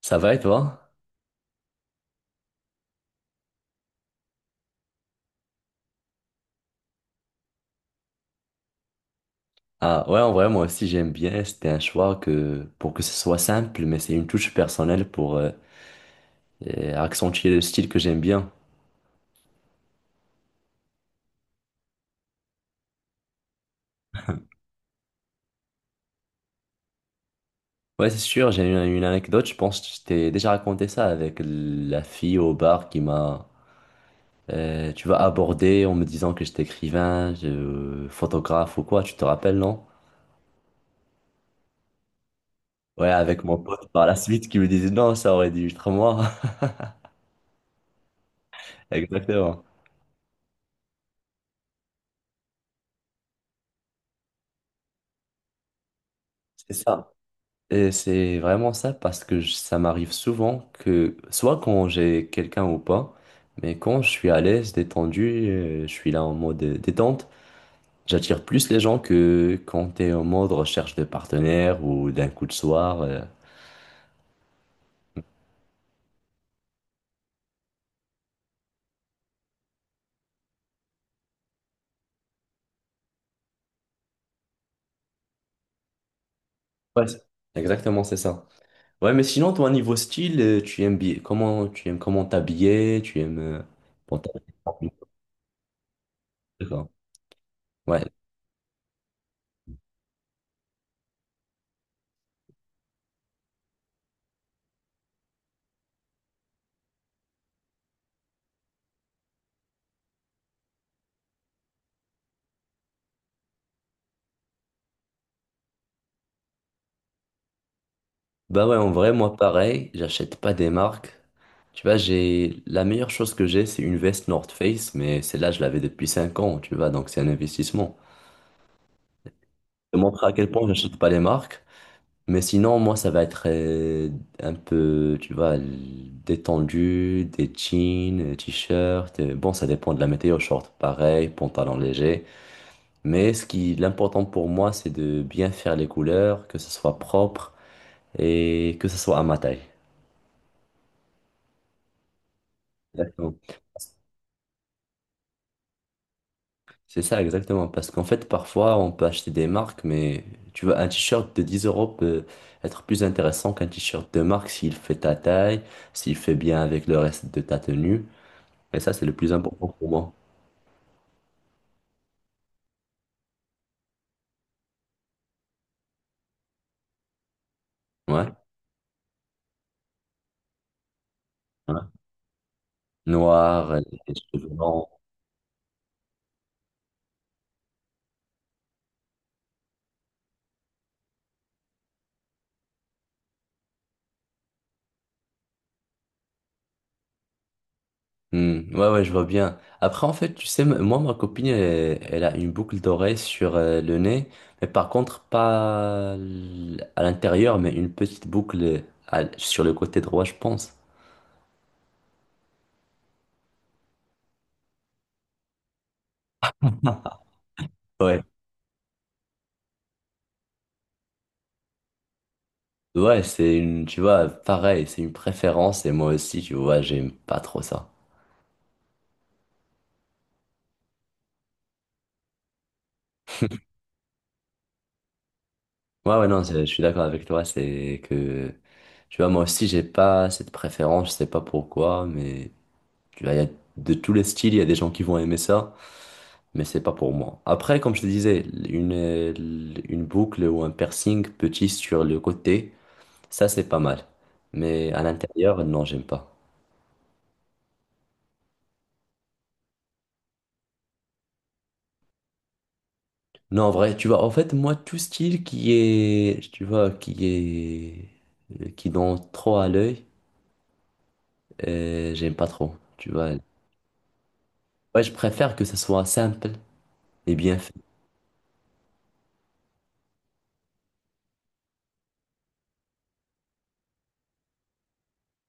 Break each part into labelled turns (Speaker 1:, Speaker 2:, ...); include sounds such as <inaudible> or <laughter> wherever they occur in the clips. Speaker 1: Ça va et toi? Ah ouais, en vrai, moi aussi j'aime bien. C'était un choix que pour que ce soit simple, mais c'est une touche personnelle pour accentuer le style que j'aime bien. Ouais, c'est sûr, j'ai une anecdote, je pense que je t'ai déjà raconté ça avec la fille au bar qui m'a, tu vas aborder en me disant que j'étais écrivain, photographe ou quoi, tu te rappelles, non? Ouais, avec mon pote par la suite qui me disait non, ça aurait dû être moi. <laughs> Exactement. C'est ça. Et c'est vraiment ça parce que ça m'arrive souvent que, soit quand j'ai quelqu'un ou pas, mais quand je suis à l'aise, détendu, je suis là en mode détente, j'attire plus les gens que quand t'es en mode recherche de partenaire ou d'un coup de soir. Ouais, exactement, c'est ça. Ouais, mais sinon, toi, niveau style, tu aimes bien, comment tu aimes comment t'habiller, tu aimes bon. D'accord. Ouais. Bah ouais, en vrai, moi pareil, j'achète pas des marques. Tu vois, j'ai la meilleure chose que j'ai, c'est une veste North Face, mais celle-là, je l'avais depuis 5 ans, tu vois, donc c'est un investissement. Je te montrer à quel point j'achète pas les marques, mais sinon, moi, ça va être un peu, tu vois, détendu, des jeans, des t-shirts. Bon, ça dépend de la météo, short pareil, pantalon léger. Mais l'important pour moi, c'est de bien faire les couleurs, que ce soit propre et que ce soit à ma taille. Exactement. C'est ça, exactement. Parce qu'en fait, parfois, on peut acheter des marques, mais tu vois, un t-shirt de 10 euros peut être plus intéressant qu'un t-shirt de marque s'il fait ta taille, s'il fait bien avec le reste de ta tenue. Et ça, c'est le plus important pour moi. Ouais. Ouais. Noir, les cheveux blancs. Hmm, ouais, ouais, je vois bien. Après, en fait, tu sais, moi, ma copine, elle a une boucle d'oreille sur le nez, mais par contre, pas à l'intérieur, mais une petite boucle sur le côté droit, je pense. Ouais. Ouais, tu vois, pareil, c'est une préférence et moi aussi, tu vois, j'aime pas trop ça. Ouais, ouais, non, je suis d'accord avec toi, c'est que, tu vois, moi aussi, j'ai pas cette préférence, je sais pas pourquoi, mais tu vois, il y a de tous les styles, il y a des gens qui vont aimer ça, mais c'est pas pour moi. Après, comme je te disais, une, euh, une boucle ou un piercing petit sur le côté, ça, c'est pas mal. Mais à l'intérieur, non, j'aime pas. Non, en vrai, tu vois, en fait, moi, tout style qui est, tu vois, qui est, qui donne trop à l'œil, j'aime pas trop, tu vois. Ouais, je préfère que ça soit simple et bien fait.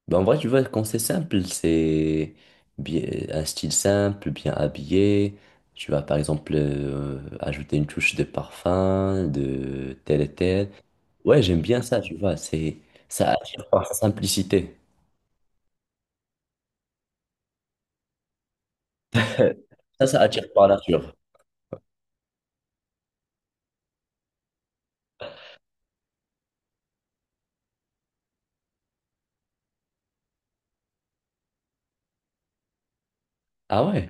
Speaker 1: Ben, en vrai, tu vois, quand c'est simple, c'est bien, un style simple, bien habillé. Tu vas, par exemple, ajouter une touche de parfum, de tel et tel. Ouais, j'aime bien ça, tu vois, ça attire par sa simplicité. Ça attire par nature. Ah ouais?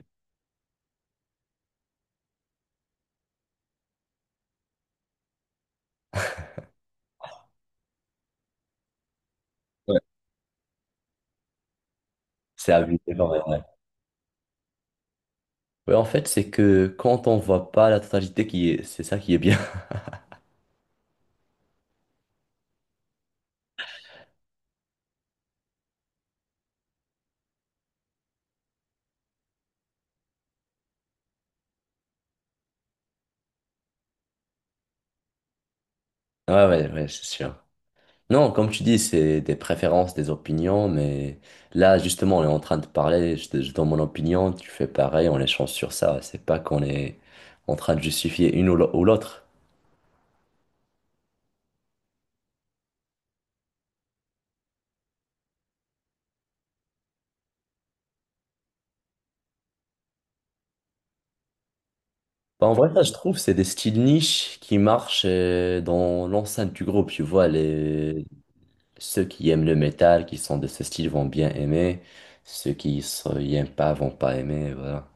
Speaker 1: C'est à vue ouais. Ouais. Ouais, en fait, c'est que quand on voit pas la totalité, c'est ça qui est bien. <laughs> Ouais, ouais, ouais, c'est sûr. Non, comme tu dis, c'est des préférences, des opinions, mais là, justement, on est en train de parler, je donne mon opinion, tu fais pareil, on échange sur ça. C'est pas qu'on est en train de justifier une ou ou l'autre. Bah, en vrai, ça, je trouve, c'est des styles niches qui marchent dans l'enceinte du groupe, tu vois, les... Ceux qui aiment le métal, qui sont de ce style, vont bien aimer. Ceux qui n'y aiment pas vont pas aimer, voilà.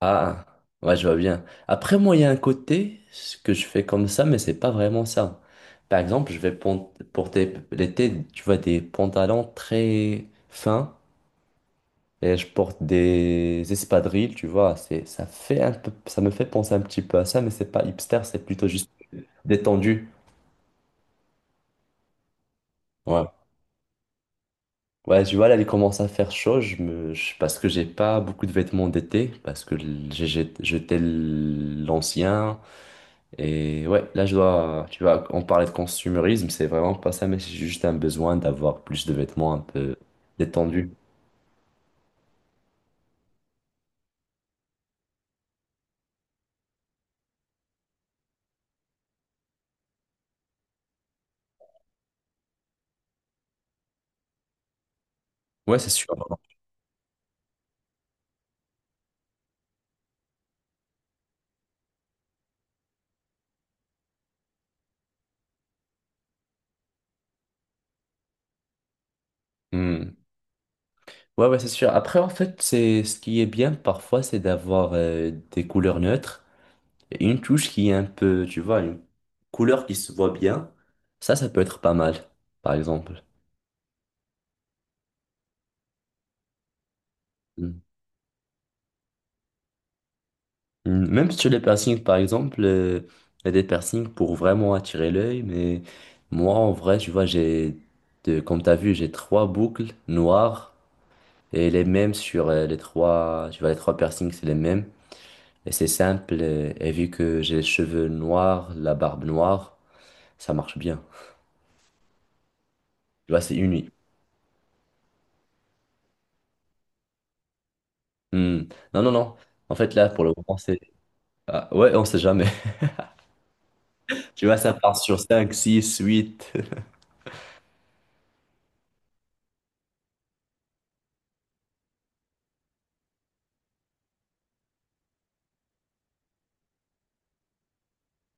Speaker 1: Ah, ouais, je vois bien. Après, moi, il y a un côté ce que je fais comme ça, mais c'est pas vraiment ça. Par exemple, je vais porter l'été, tu vois, des pantalons très fins et je porte des espadrilles, tu vois. Ça fait un peu, ça me fait penser un petit peu à ça, mais c'est pas hipster, c'est plutôt juste détendu. Ouais. Ouais, tu vois, là, il commence à faire chaud, parce que j'ai pas beaucoup de vêtements d'été, parce que j'ai jeté l'ancien. Et ouais, là, tu vois, on parlait de consumérisme, c'est vraiment pas ça, mais c'est juste un besoin d'avoir plus de vêtements un peu détendus. Ouais, c'est sûr. Hmm. Ouais, ouais, c'est sûr. Après, en fait, c'est ce qui est bien parfois, c'est d'avoir des couleurs neutres et une touche qui est un peu, tu vois, une couleur qui se voit bien. Ça peut être pas mal, par exemple. Hmm. Mm, même sur les piercings, par exemple, il y a des piercings pour vraiment attirer l'œil, mais moi, en vrai, tu vois, comme tu as vu, j'ai trois boucles noires et les mêmes sur les trois, tu vois, les trois piercings, c'est les mêmes. Et c'est simple, et, vu que j'ai les cheveux noirs, la barbe noire, ça marche bien. Tu vois, c'est uni. Mm. Non, non, non. En fait, là, pour le moment, c'est. Ah, ouais, on sait jamais. <laughs> Tu vois, ça part sur cinq six huit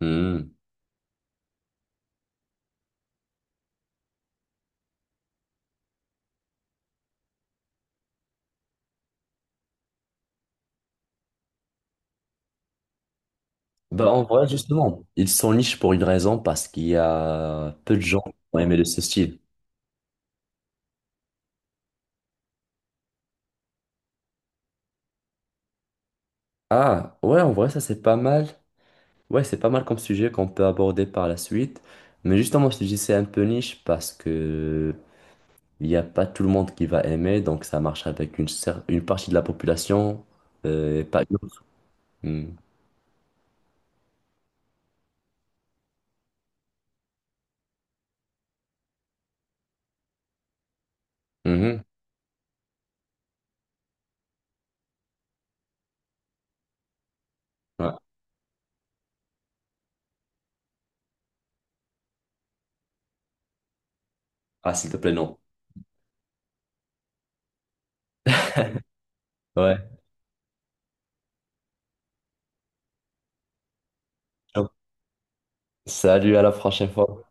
Speaker 1: <laughs> Bah, en vrai, justement, ils sont niches pour une raison, parce qu'il y a peu de gens qui ont aimé de ce style. Ah, ouais, en vrai, ça c'est pas mal. Ouais, c'est pas mal comme sujet qu'on peut aborder par la suite. Mais justement, si je te dis, c'est un peu niche parce que il n'y a pas tout le monde qui va aimer, donc ça marche avec une partie de la population et pas une autre. Hmm. Mhm. Ouais. Ah, s'il te plaît, non. Ouais. Ciao. Salut, à la prochaine fois.